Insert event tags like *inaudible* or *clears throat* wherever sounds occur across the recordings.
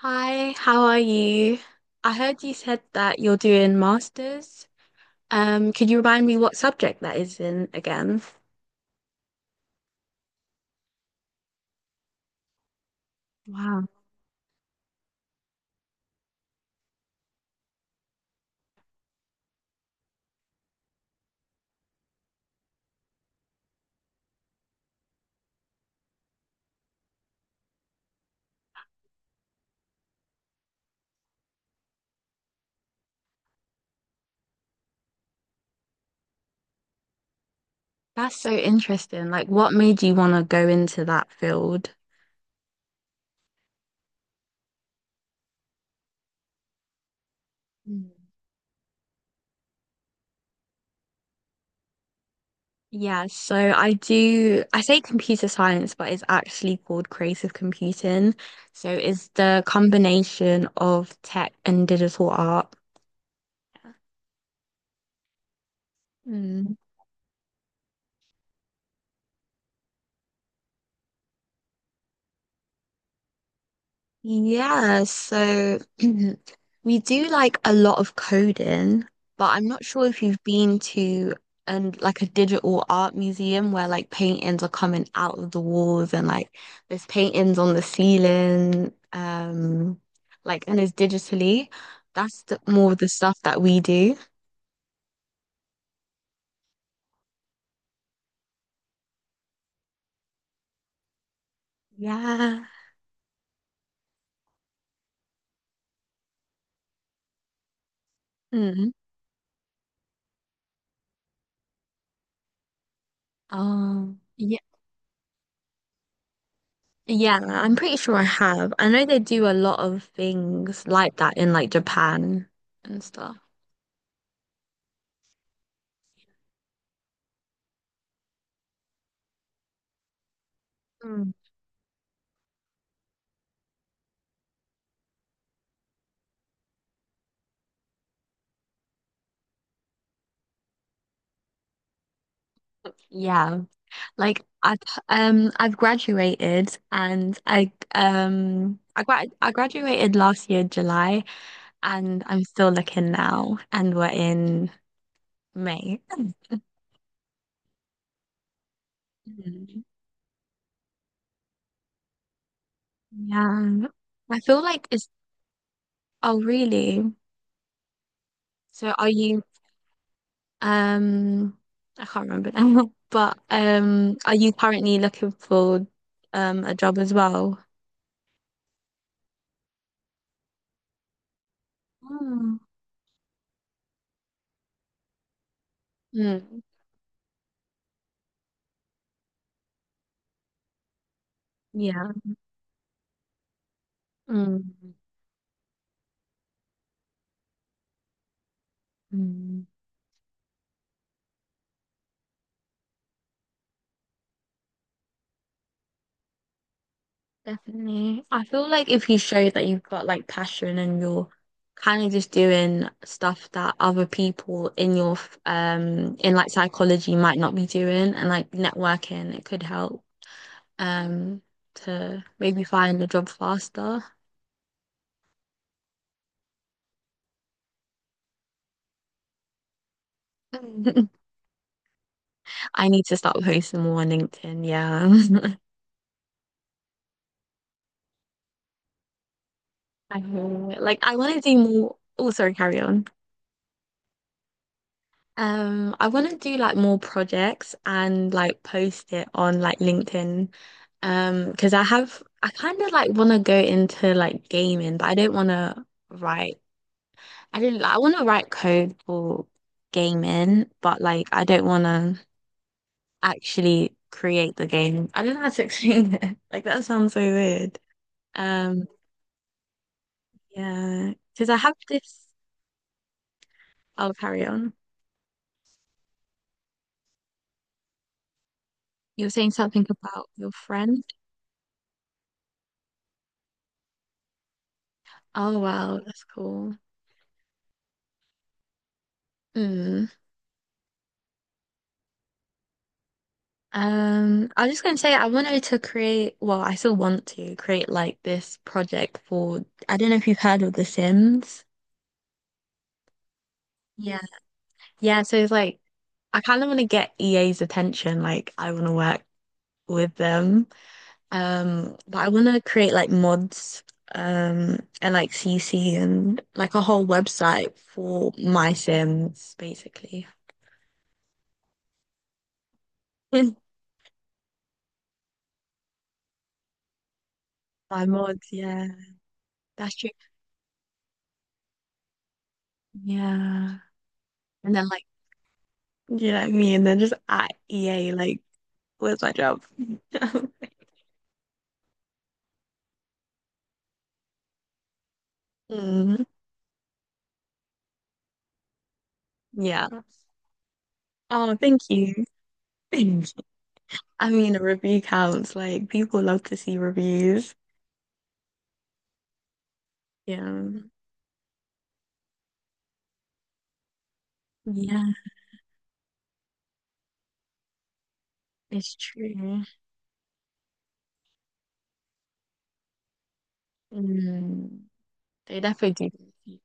Hi, how are you? I heard you said that you're doing masters. Could you remind me what subject that is in again? Wow, that's so interesting. Like, what made you want to go into that field? Mm. Yeah, so I say computer science, but it's actually called creative computing. So it's the combination of tech and digital art. Mm. Yeah, so *clears throat* we do like a lot of coding, but I'm not sure if you've been to and like a digital art museum where like paintings are coming out of the walls and like there's paintings on the ceiling, like and it's digitally. That's more of the stuff that we do. Yeah. Mm. Oh, yeah, yeah, I'm pretty sure I have. I know they do a lot of things like that in like Japan and stuff. Mm. Yeah, like I've graduated and I graduated last year July and I'm still looking now and we're in May. Mhm. Yeah. I feel like it's. Oh, really? So are you um I can't remember now, *laughs* but are you currently looking for a job as well? Mm. Mm. Yeah. Mm. Mm. Definitely. I feel like if you show that you've got like passion and you're kind of just doing stuff that other people in your in like psychology might not be doing and like networking, it could help um to maybe find a job faster. *laughs* I need to start posting more on LinkedIn, yeah. *laughs* I feel it. Like I want to do more. Oh, sorry, carry on. I want to do like more projects and like post it on like LinkedIn. Because I kind of like want to go into like gaming, but I don't want to write. I don't like, I want to write code for gaming, but like I don't want to actually create the game. I don't know how to explain it. *laughs* Like that sounds so weird. Um, yeah, because I have this. I'll carry on. You were saying something about your friend. Oh wow, that's cool. Mm. I was just going to say, I wanted to create, well, I still want to create like this project for, I don't know if you've heard of The Sims. Yeah. Yeah, so it's like, I kind of want to get EA's attention. Like, I want to work with them. But I want to create like mods, and like CC and like a whole website for my Sims, basically. *laughs* My mods, yeah. That's true. Yeah. And then like, you know what I mean? And then just at EA, like, where's my job? *laughs* Mm, yeah. Oh, thank you. *clears throat* *laughs* I mean, a review counts. Like, people love to see reviews. Yeah. Yeah, it's true. Mm, they definitely do.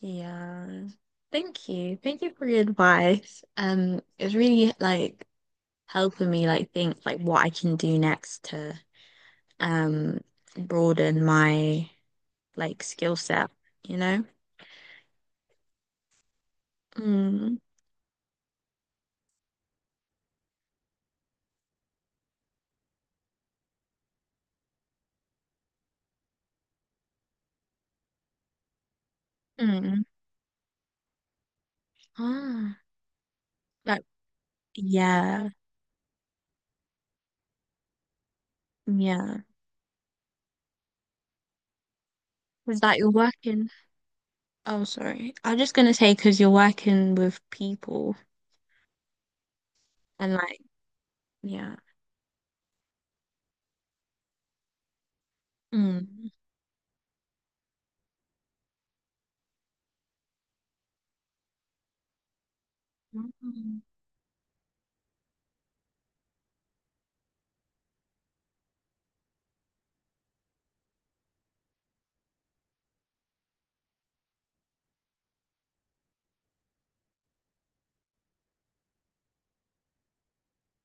Yeah. Thank you. Thank you for your advice. It's really like helping me like think like what I can do next to um broaden my like skill set, you know? Mm, mm. Ah, that, yeah, yeah. It's like you're working. Oh, sorry. I was just gonna say because you're working with people and like, yeah. Mm. Mm.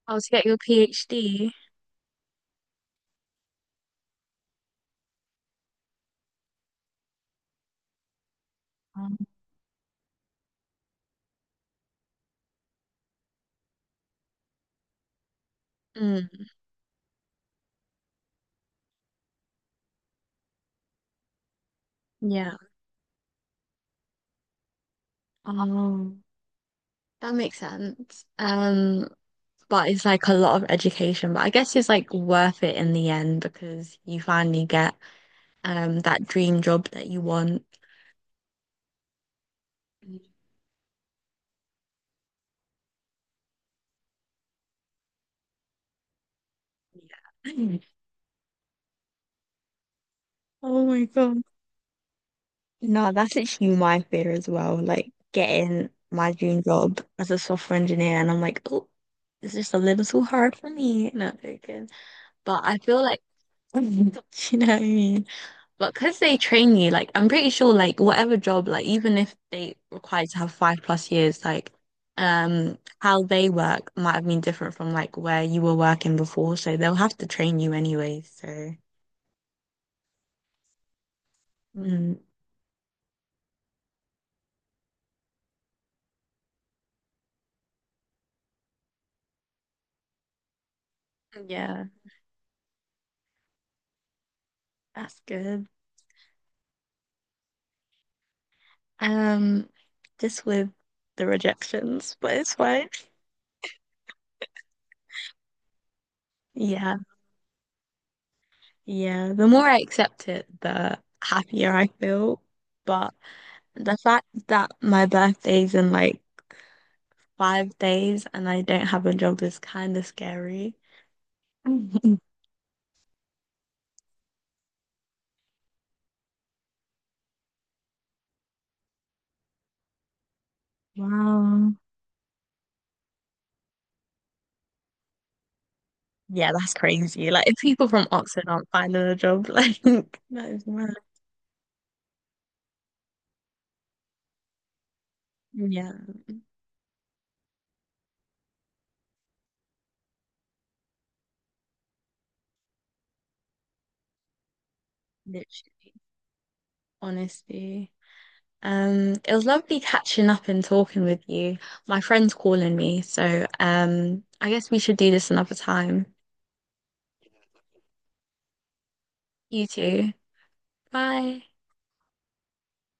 Oh, to get your PhD. Um, Mm, yeah. Oh, that makes sense. But it's like a lot of education, but I guess it's like worth it in the end because you finally get that dream job that you want. Yeah. *laughs* Oh my God. No, that's literally my fear as well. Like getting my dream job as a software engineer, and I'm like, oh, it's just a little too hard for me. No, I'm joking. But I feel like, *laughs* you know what I mean? But because they train you, like, I'm pretty sure, like, whatever job, like, even if they require you to have 5+ years, like, how they work might have been different from like where you were working before. So they'll have to train you anyway. So, mm, yeah, that's good. Um, just with the rejections, but it's fine. Yeah, yeah. The more I accept it, the happier I feel. But the fact that my birthday's in like 5 days and I don't have a job is kind of scary. *laughs* Wow. Yeah, that's crazy. Like, if people from Oxford aren't finding a job, like, *laughs* that is mad. Yeah, literally. Honestly. It was lovely catching up and talking with you. My friend's calling me, so I guess we should do this another time. You too. Bye.